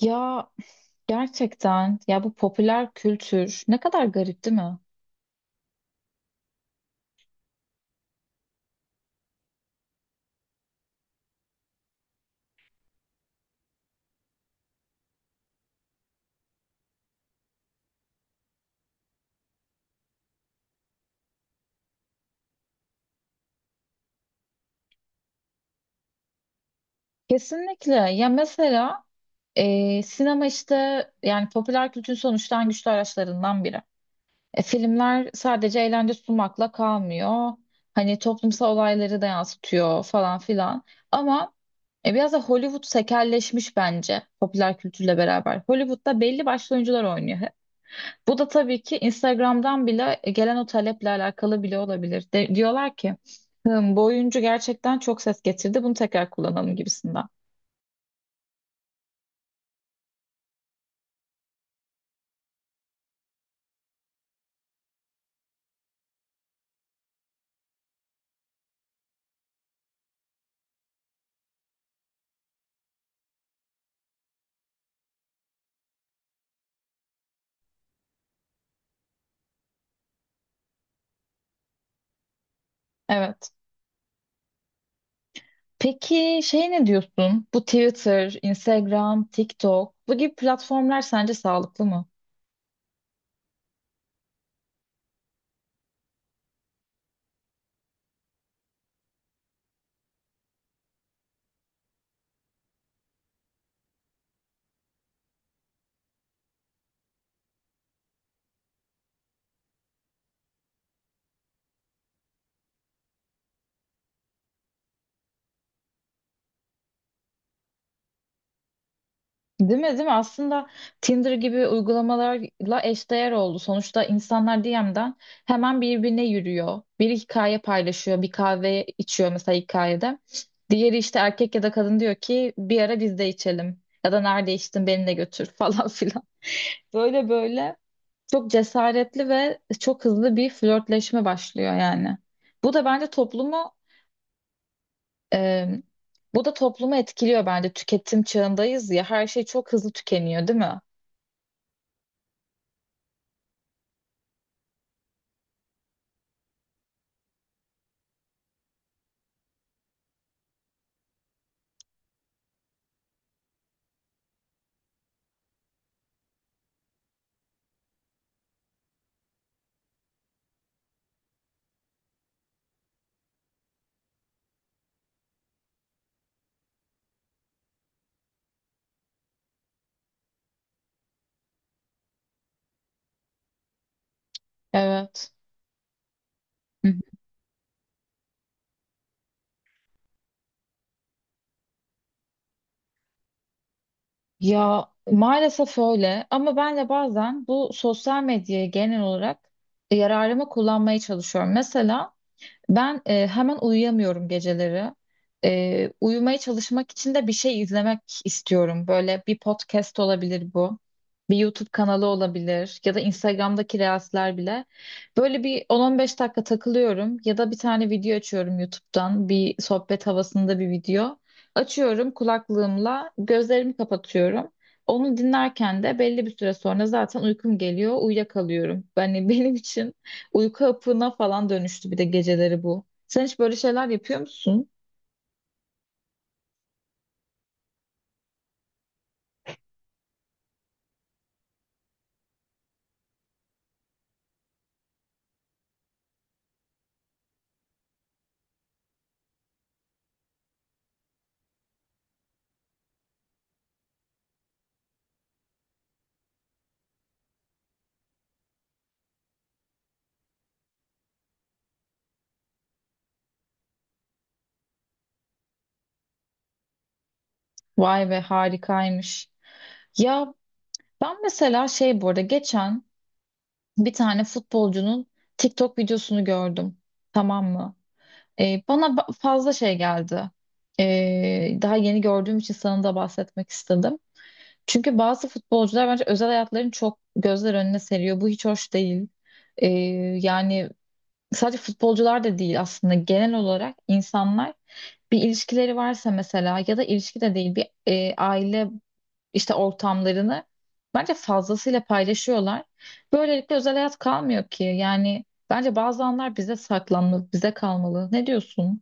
Ya gerçekten ya, bu popüler kültür ne kadar garip, değil mi? Kesinlikle. Ya mesela sinema işte, yani popüler kültürün sonuçta en güçlü araçlarından biri. Filmler sadece eğlence sunmakla kalmıyor. Hani toplumsal olayları da yansıtıyor falan filan. Ama biraz da Hollywood tekelleşmiş bence popüler kültürle beraber. Hollywood'da belli başlı oyuncular oynuyor. Bu da tabii ki Instagram'dan bile gelen o taleple alakalı bile olabilir. Diyorlar ki "Hım, bu oyuncu gerçekten çok ses getirdi, bunu tekrar kullanalım" gibisinden. Evet. Peki şey, ne diyorsun? Bu Twitter, Instagram, TikTok bu gibi platformlar sence sağlıklı mı? Değil mi, değil mi? Aslında Tinder gibi uygulamalarla eşdeğer oldu. Sonuçta insanlar DM'den hemen birbirine yürüyor. Biri hikaye paylaşıyor, bir kahve içiyor mesela hikayede. Diğeri işte erkek ya da kadın diyor ki bir ara biz de içelim. Ya da nerede içtin beni de götür falan filan. Böyle böyle çok cesaretli ve çok hızlı bir flörtleşme başlıyor yani. Bu da bence toplumu e, Bu da toplumu etkiliyor bence. Tüketim çağındayız ya, her şey çok hızlı tükeniyor, değil mi? Evet. Hı hı. Ya maalesef öyle ama ben de bazen bu sosyal medyayı genel olarak yararıma kullanmaya çalışıyorum. Mesela ben hemen uyuyamıyorum geceleri. Uyumaya çalışmak için de bir şey izlemek istiyorum. Böyle bir podcast olabilir bu. Bir YouTube kanalı olabilir ya da Instagram'daki Reels'ler bile. Böyle bir 10-15 dakika takılıyorum ya da bir tane video açıyorum YouTube'dan. Bir sohbet havasında bir video. Açıyorum kulaklığımla, gözlerimi kapatıyorum. Onu dinlerken de belli bir süre sonra zaten uykum geliyor, uyuyakalıyorum. Yani benim için uyku hapına falan dönüştü bir de geceleri bu. Sen hiç böyle şeyler yapıyor musun? Vay be, harikaymış. Ya ben mesela şey, bu arada geçen bir tane futbolcunun TikTok videosunu gördüm. Tamam mı? Bana fazla şey geldi. Daha yeni gördüğüm için sana da bahsetmek istedim. Çünkü bazı futbolcular bence özel hayatlarını çok gözler önüne seriyor. Bu hiç hoş değil. Ee, Yani sadece futbolcular da değil, aslında genel olarak insanlar bir ilişkileri varsa mesela, ya da ilişki de değil, bir aile işte ortamlarını bence fazlasıyla paylaşıyorlar. Böylelikle özel hayat kalmıyor ki. Yani bence bazı anlar bize saklanmalı, bize kalmalı. Ne diyorsun?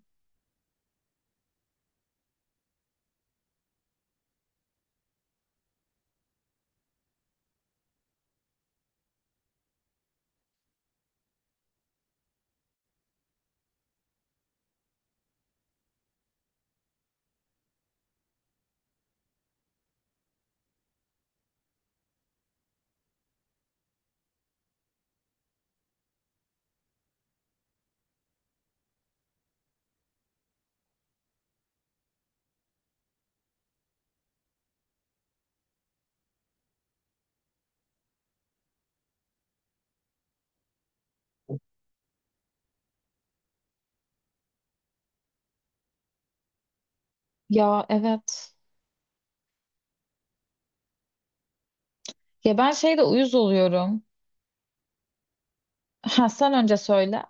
Ya evet. Ya ben şeyde uyuz oluyorum. Ha sen önce söyle.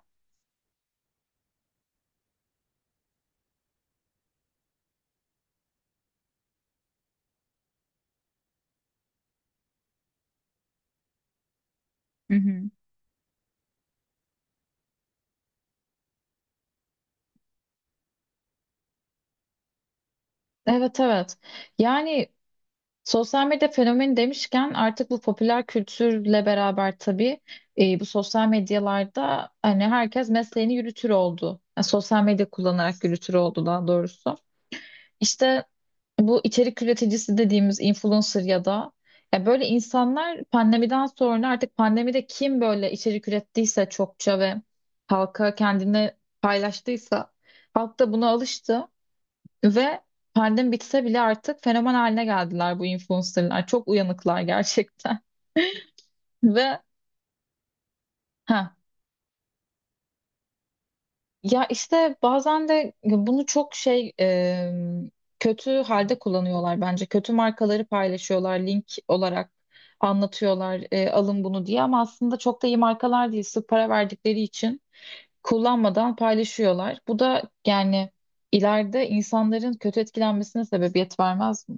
Hı hı. Evet, evet. Yani sosyal medya fenomeni demişken, artık bu popüler kültürle beraber tabii bu sosyal medyalarda hani herkes mesleğini yürütür oldu. Yani sosyal medya kullanarak yürütür oldu daha doğrusu. İşte bu içerik üreticisi dediğimiz influencer ya da ya böyle insanlar, pandemiden sonra artık, pandemide kim böyle içerik ürettiyse çokça ve halka kendini paylaştıysa, halk da buna alıştı. Ve pandemi bitse bile artık fenomen haline geldiler bu influencerlar. Çok uyanıklar gerçekten. Ve ha ya işte bazen de bunu çok kötü halde kullanıyorlar bence. Kötü markaları paylaşıyorlar link olarak, anlatıyorlar alın bunu diye ama aslında çok da iyi markalar değil. Sırf para verdikleri için kullanmadan paylaşıyorlar. Bu da yani ileride insanların kötü etkilenmesine sebebiyet vermez mi?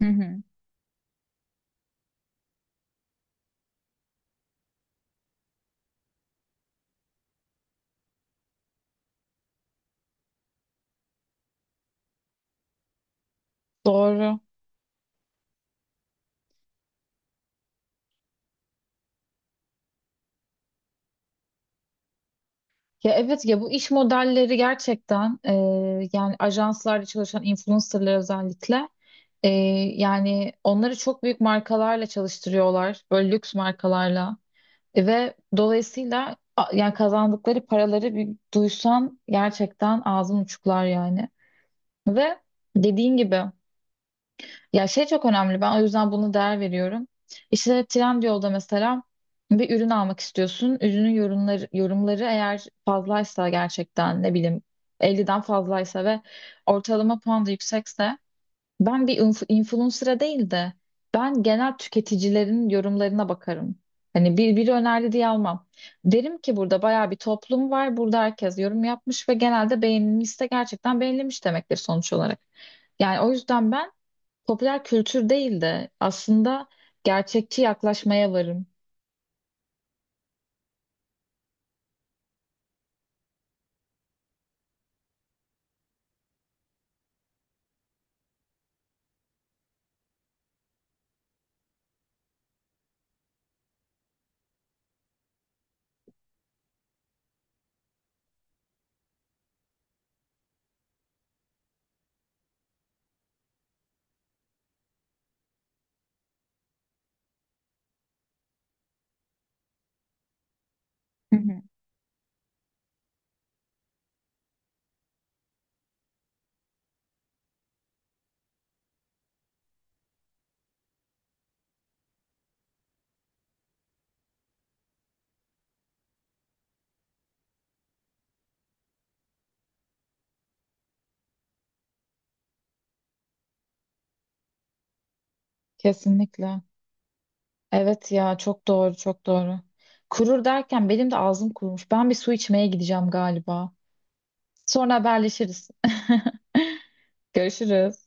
Hı hı. Doğru. Ya evet, ya bu iş modelleri gerçekten yani ajanslarda çalışan influencerlar özellikle, e, yani onları çok büyük markalarla çalıştırıyorlar, böyle lüks markalarla. E, ve dolayısıyla yani kazandıkları paraları bir duysan gerçekten ağzın uçuklar yani, ve dediğin gibi. Ya şey çok önemli. Ben o yüzden buna değer veriyorum. İşte Trendyol'da mesela bir ürün almak istiyorsun. Ürünün yorumları eğer fazlaysa, gerçekten ne bileyim 50'den fazlaysa ve ortalama puan da yüksekse, ben bir influencer'a değil de ben genel tüketicilerin yorumlarına bakarım. Hani biri önerdi diye almam. Derim ki burada bayağı bir toplum var. Burada herkes yorum yapmış ve genelde beğenilmişse gerçekten beğenilmiş demektir sonuç olarak. Yani o yüzden ben popüler kültür değil de aslında gerçekçi yaklaşmaya varım. Hı hı. Kesinlikle. Evet ya, çok doğru çok doğru. Kurur derken benim de ağzım kurumuş. Ben bir su içmeye gideceğim galiba. Sonra haberleşiriz. Görüşürüz.